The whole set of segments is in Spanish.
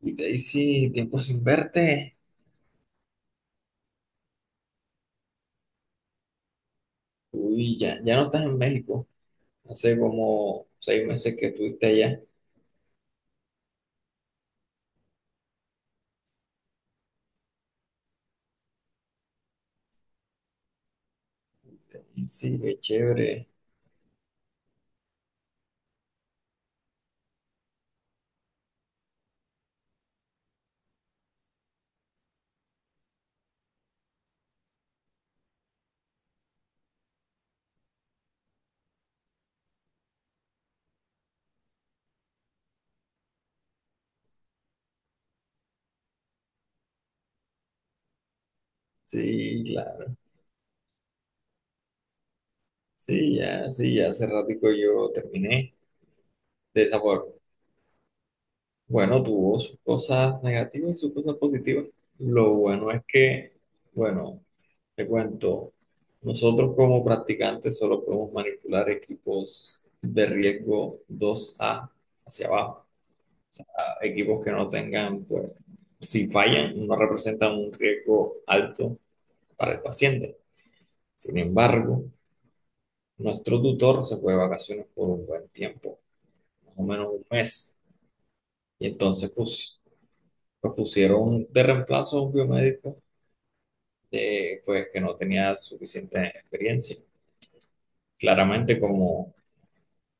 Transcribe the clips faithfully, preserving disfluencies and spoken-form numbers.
Y Daisy, tiempo sin verte. Uy, ya, ya no estás en México. Hace como seis meses que estuviste allá. Sí, qué chévere. Sí, claro. Sí, ya, sí, ya hace ratico yo terminé de esa forma. Bueno, tuvo sus cosas negativas y sus cosas positivas. Lo bueno es que, bueno, te cuento, nosotros como practicantes solo podemos manipular equipos de riesgo dos A hacia abajo. Equipos que no tengan, pues, si fallan, no representan un riesgo alto para el paciente. Sin embargo, nuestro tutor se fue de vacaciones por un buen tiempo, más o menos un mes, y entonces pues, pues, pusieron de reemplazo a un biomédico de, pues, que no tenía suficiente experiencia. Claramente, como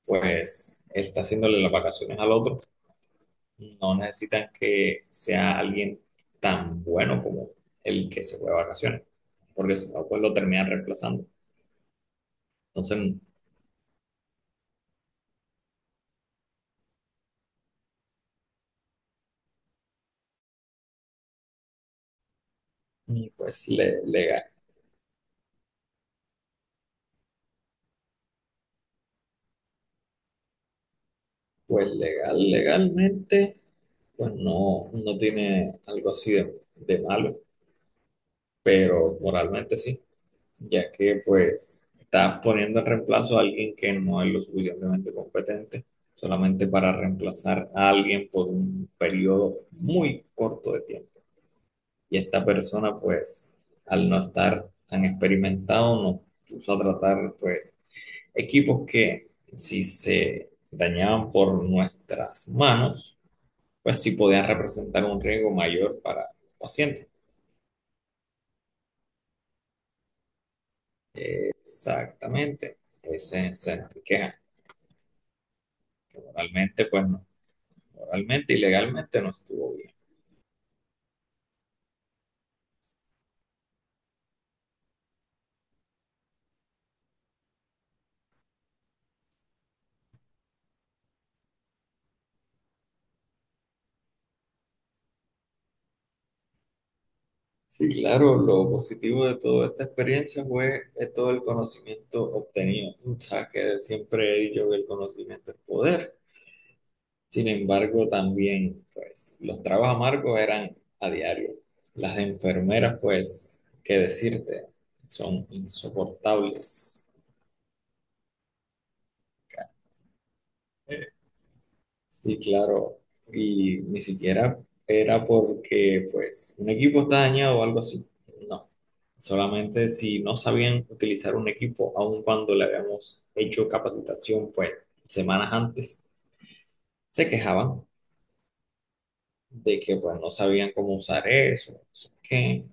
pues él está haciéndole las vacaciones al otro, no necesitan que sea alguien tan bueno como el que se fue de vacaciones, porque si no, pues lo terminan reemplazando. Entonces, mm, pues, le- legal, pues legal, legalmente, pues no, no tiene algo así de, de malo, pero moralmente sí, ya que pues estás poniendo en reemplazo a alguien que no es lo suficientemente competente, solamente para reemplazar a alguien por un periodo muy corto de tiempo. Y esta persona pues al no estar tan experimentado nos puso a tratar pues equipos que si se dañaban por nuestras manos pues sí podían representar un riesgo mayor para el paciente. Exactamente, ese es el queja. Moralmente pues no, moralmente y legalmente no estuvo bien. Sí, claro, lo positivo de toda esta experiencia fue eh, todo el conocimiento obtenido. O sea, que siempre he dicho que el conocimiento es poder. Sin embargo, también, pues, los tragos amargos eran a diario. Las enfermeras, pues, qué decirte, son insoportables. Sí, claro. Y ni siquiera era porque, pues, un equipo está dañado o algo así. No. Solamente si no sabían utilizar un equipo, aun cuando le habíamos hecho capacitación, pues, semanas antes, se quejaban de que, pues, no sabían cómo usar eso, no sé qué.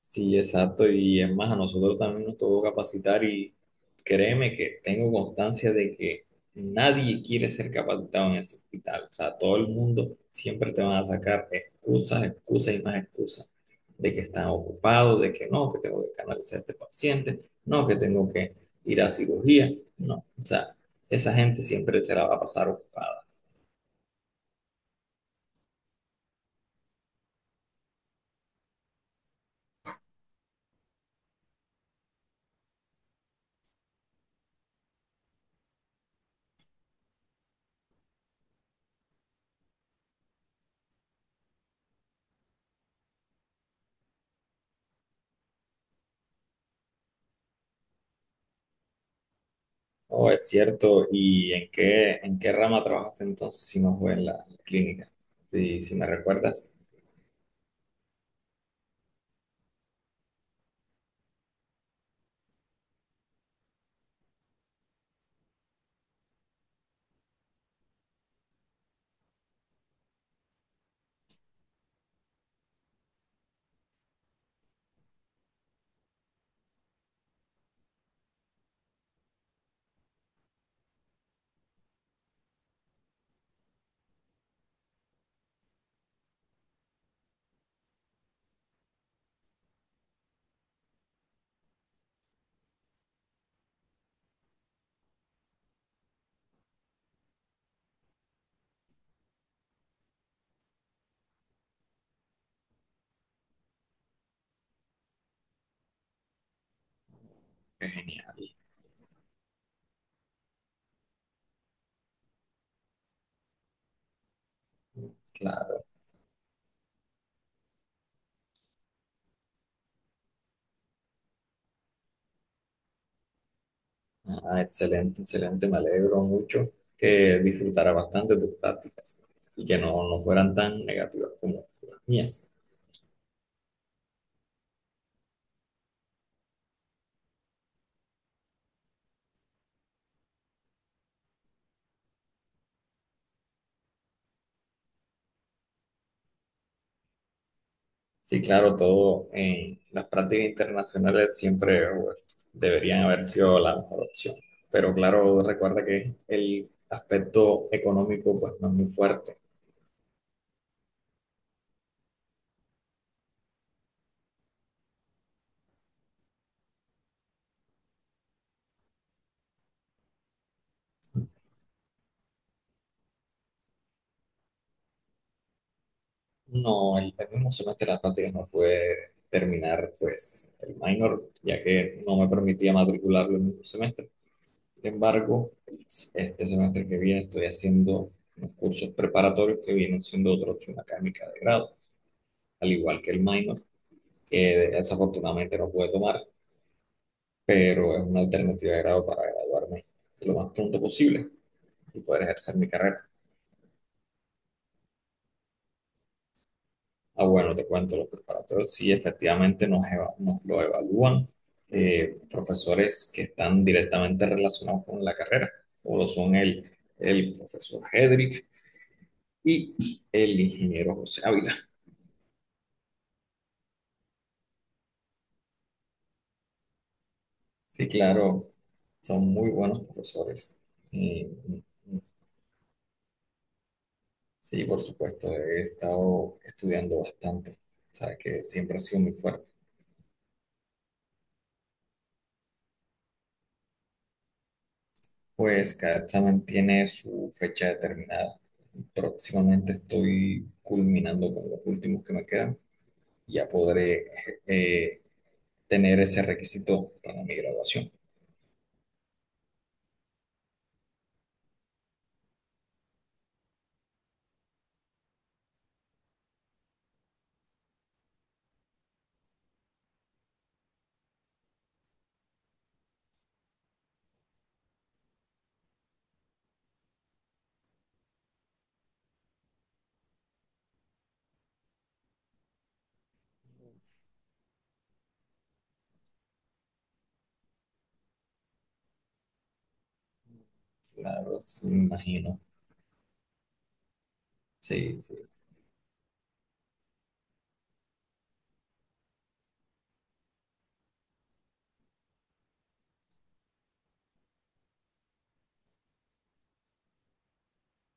Sí, exacto. Y es más, a nosotros también nos tocó capacitar y créeme que tengo constancia de que nadie quiere ser capacitado en ese hospital. O sea, todo el mundo siempre te van a sacar excusas, excusas y más excusas de que están ocupados, de que no, que tengo que canalizar a este paciente, no, que tengo que ir a cirugía. No, o sea, esa gente siempre se la va a pasar ocupada. Oh, es cierto. ¿Y en qué, en qué rama trabajaste entonces si no fue en la clínica? Si, si me recuerdas. Qué genial, claro. Ah, excelente, excelente. Me alegro mucho que disfrutara bastante tus prácticas y que no, no fueran tan negativas como las mías. Sí, claro, todo en las prácticas internacionales siempre pues, deberían haber sido la mejor opción. Pero claro, recuerda que el aspecto económico pues no es muy fuerte. No, el, el mismo semestre de las prácticas no pude terminar pues el minor, ya que no me permitía matricularlo el mismo semestre. Sin embargo, este semestre que viene estoy haciendo unos cursos preparatorios que vienen siendo otra opción académica de grado, al igual que el minor, que desafortunadamente no pude tomar, pero es una alternativa de grado para graduarme lo más pronto posible y poder ejercer mi carrera. Ah, bueno, te cuento, los preparatorios sí efectivamente nos, eva- nos lo evalúan eh, profesores que están directamente relacionados con la carrera, como lo son el, el profesor Hedrick y el ingeniero José Ávila. Sí, claro, son muy buenos profesores. Y, mm, mm, sí, por supuesto, he estado estudiando bastante, o sea, que siempre ha sido muy fuerte. Pues cada examen tiene su fecha determinada. Próximamente estoy culminando con los últimos que me quedan. Ya podré eh, tener ese requisito para mi graduación. Claro, sí, me imagino. Sí, sí.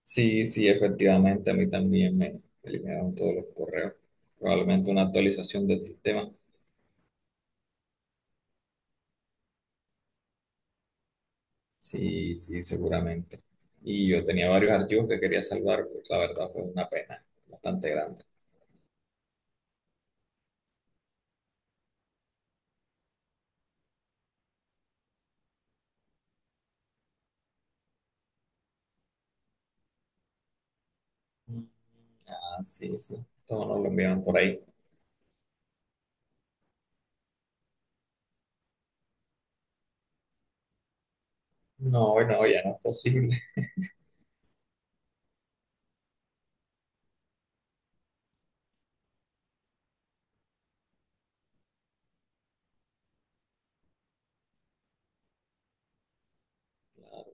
Sí, sí, efectivamente, a mí también me eliminaron todos los correos. Probablemente una actualización del sistema. Sí, sí, seguramente. Y yo tenía varios archivos que quería salvar, pues la verdad fue una pena bastante grande. Mm. Ah, sí, sí. Todos nos lo enviaron por ahí. No, no, ya no es posible. Claro,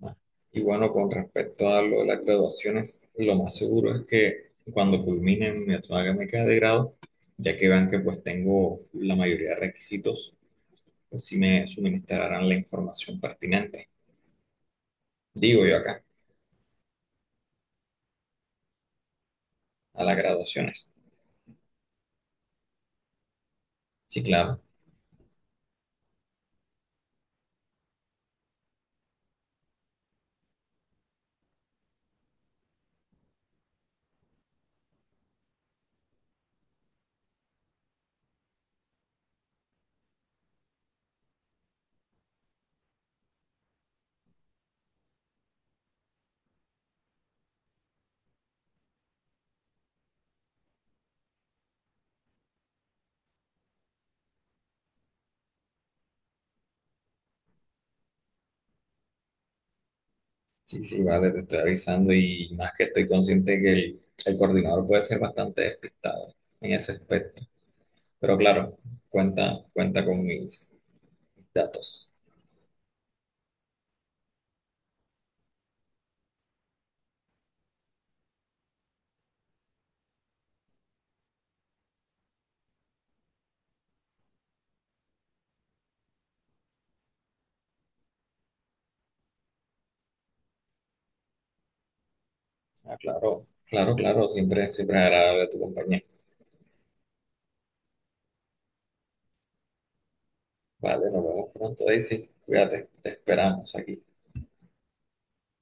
no. Y bueno, con respecto a lo de las graduaciones, lo más seguro es que cuando culmine mi académica de grado, ya que vean que pues tengo la mayoría de requisitos pues sí me suministrarán la información pertinente, digo yo acá, a las graduaciones. Sí, claro, sí, sí, vale, te estoy avisando y más que estoy consciente que el, el coordinador puede ser bastante despistado en ese aspecto, pero claro, cuenta, cuenta con mis datos. Ah, claro, claro, claro, siempre, siempre es agradable tu compañía. Vale, nos vemos pronto, Daisy, cuídate, te esperamos aquí.